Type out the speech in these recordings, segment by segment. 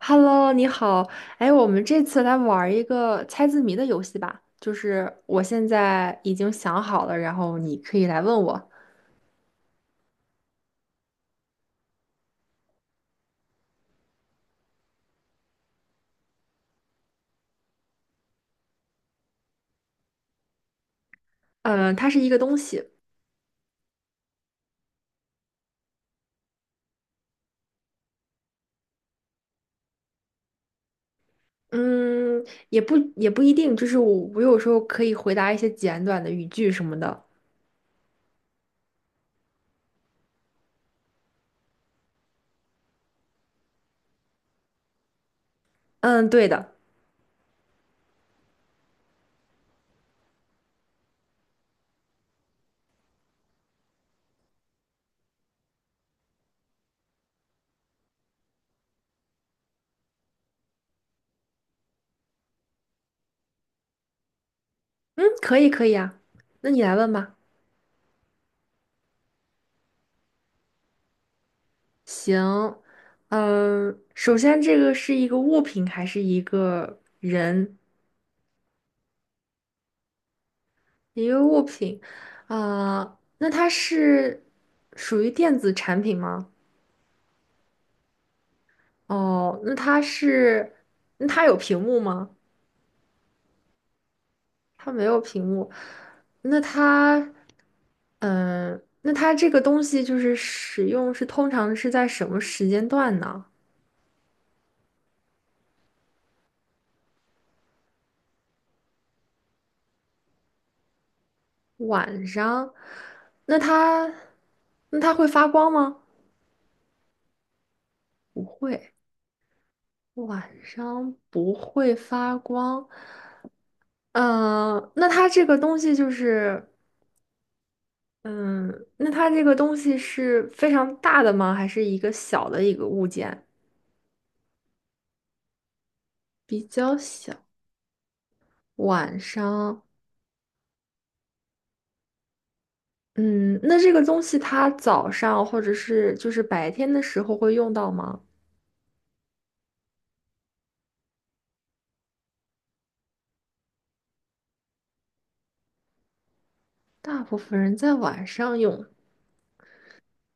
Hello，你好。哎，我们这次来玩儿一个猜字谜的游戏吧。就是我现在已经想好了，然后你可以来问我。嗯，它是一个东西。嗯，也不一定，就是我有时候可以回答一些简短的语句什么的。嗯，对的。嗯，可以啊。那你来问吧。行。嗯，首先这个是一个物品还是一个人？一个物品，啊、那它是属于电子产品吗？哦，那它是，那它有屏幕吗？它没有屏幕，那它，那它这个东西就是使用是通常是在什么时间段呢？晚上？那它，那它会发光吗？不会，晚上不会发光。嗯、那它这个东西就是。嗯，那它这个东西是非常大的吗？还是一个小的一个物件？比较小。晚上，嗯，那这个东西它早上或者是就是白天的时候会用到吗？大部分人在晚上用。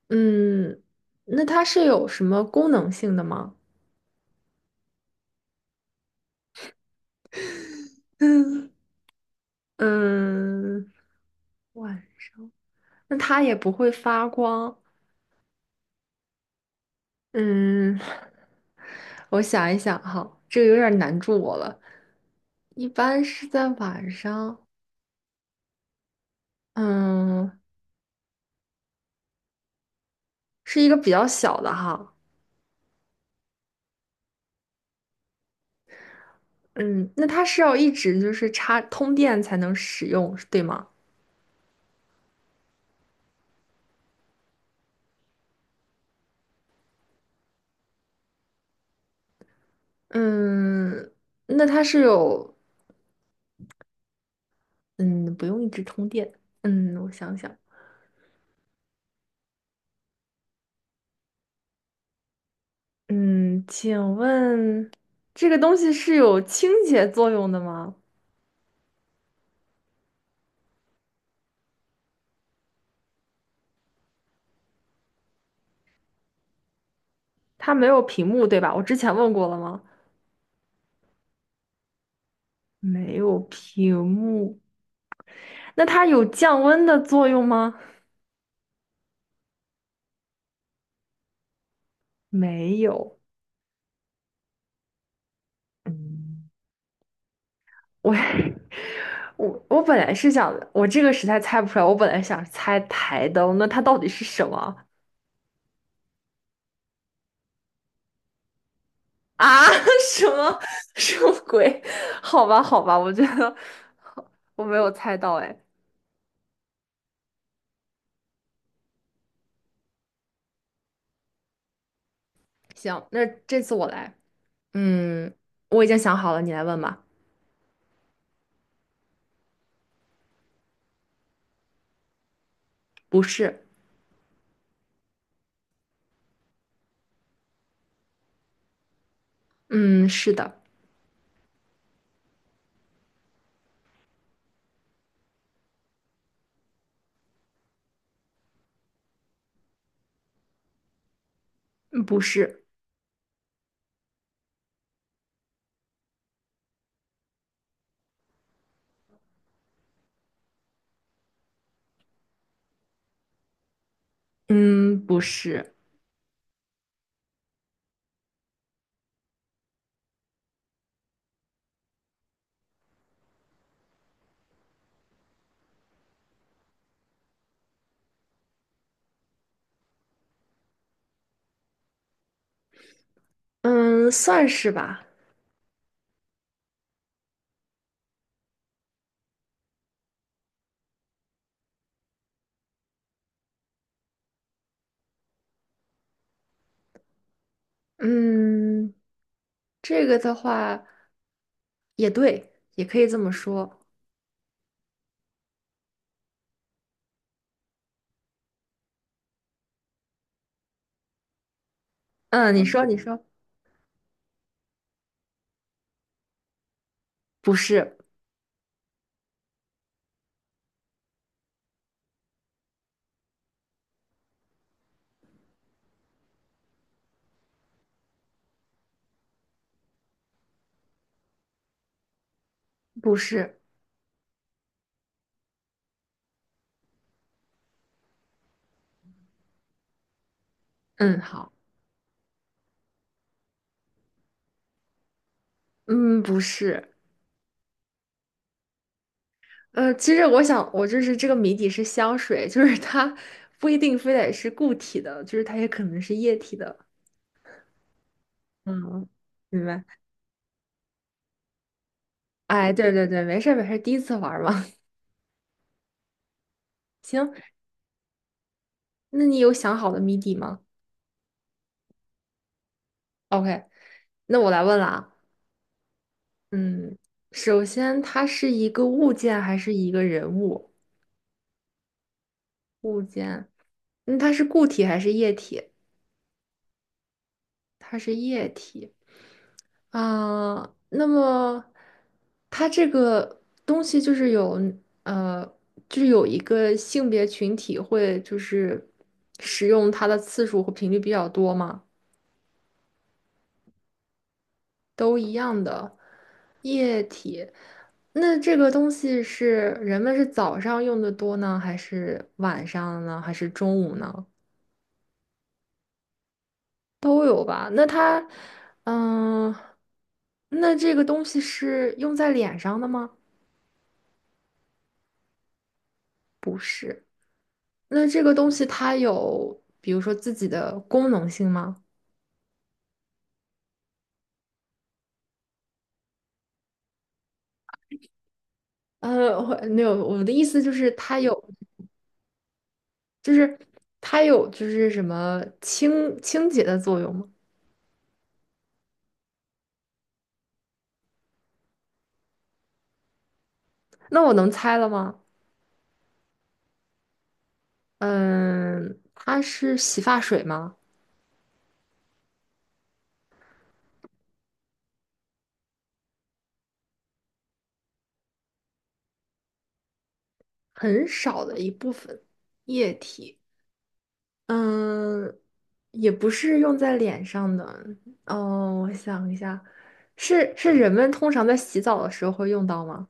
嗯，那它是有什么功能性的吗？嗯，晚上，那它也不会发光。嗯，我想一想哈，这个有点难住我了。一般是在晚上，嗯，是一个比较小的哈，嗯，那它是要一直就是插通电才能使用，对吗？嗯，那它是有，嗯，不用一直通电，嗯，我想想，嗯，请问这个东西是有清洁作用的吗？它没有屏幕，对吧？我之前问过了吗？没有屏幕，那它有降温的作用吗？没有。嗯，我 我本来是想，我这个实在猜不出来。我本来想猜台灯，那它到底是什么啊？什么什么鬼？好吧，好吧，我觉得我没有猜到。哎，行，那这次我来。嗯，我已经想好了，你来问吧。不是，嗯，是的，嗯不是，嗯，不是。嗯，算是吧。嗯，这个的话也对，也可以这么说。嗯，你说不是，不是。嗯，好，嗯，不是。其实我想，我就是这个谜底是香水，就是它不一定非得是固体的，就是它也可能是液体的。嗯，明白。哎，对对对，没事儿没事儿，第一次玩儿嘛。行，那你有想好的谜底吗？OK,那我来问了啊。嗯，首先它是一个物件还是一个人物？物件，嗯，它是固体还是液体？它是液体。啊、那么它这个东西就是有呃，就是有一个性别群体会就是使用它的次数和频率比较多吗？都一样的液体。那这个东西是人们是早上用的多呢，还是晚上呢，还是中午呢？都有吧？那它，嗯，那这个东西是用在脸上的吗？那这个东西它有，比如说自己的功能性吗？我没有，我的意思就是它有，就是它有，就是什么清清洁的作用吗？那我能猜了吗？嗯，它是洗发水吗？很少的一部分液体。嗯，也不是用在脸上的。哦，我想一下，是人们通常在洗澡的时候会用到吗？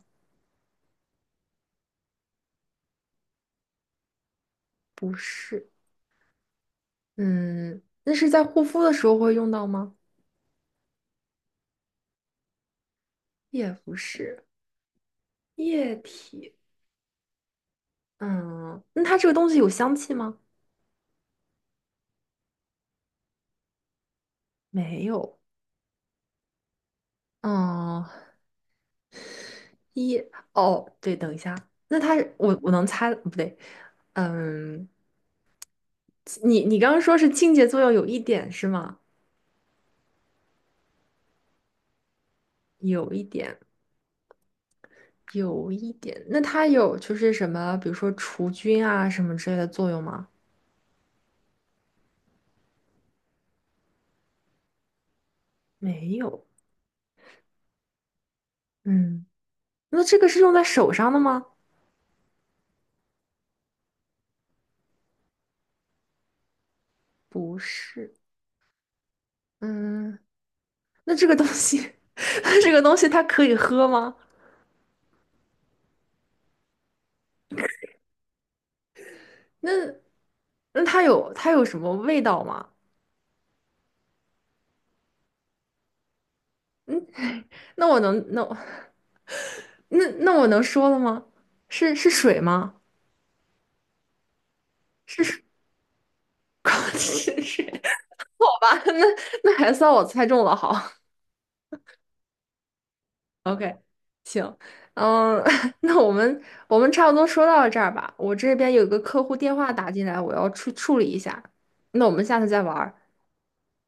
不是。嗯，那是在护肤的时候会用到吗？也不是。液体。嗯，那它这个东西有香气吗？没有。嗯，一，哦，对，等一下，那它我能猜，不对。嗯，你刚刚说是清洁作用有一点是吗？有一点，有一点。那它有就是什么，比如说除菌啊什么之类的作用吗？没有。嗯，那这个是用在手上的吗？不是。嗯，那这个东西，那这个东西它可以喝吗？那那它有什么味道吗？嗯，那我 那我能说了吗？是水吗？是水 是水。吧，那那还算我猜中了，好，OK,行，嗯，那我们差不多说到这儿吧，我这边有一个客户电话打进来，我要处理一下，那我们下次再玩儿。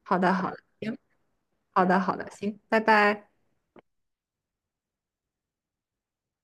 好的，好的，行，好的，好的，行，拜拜。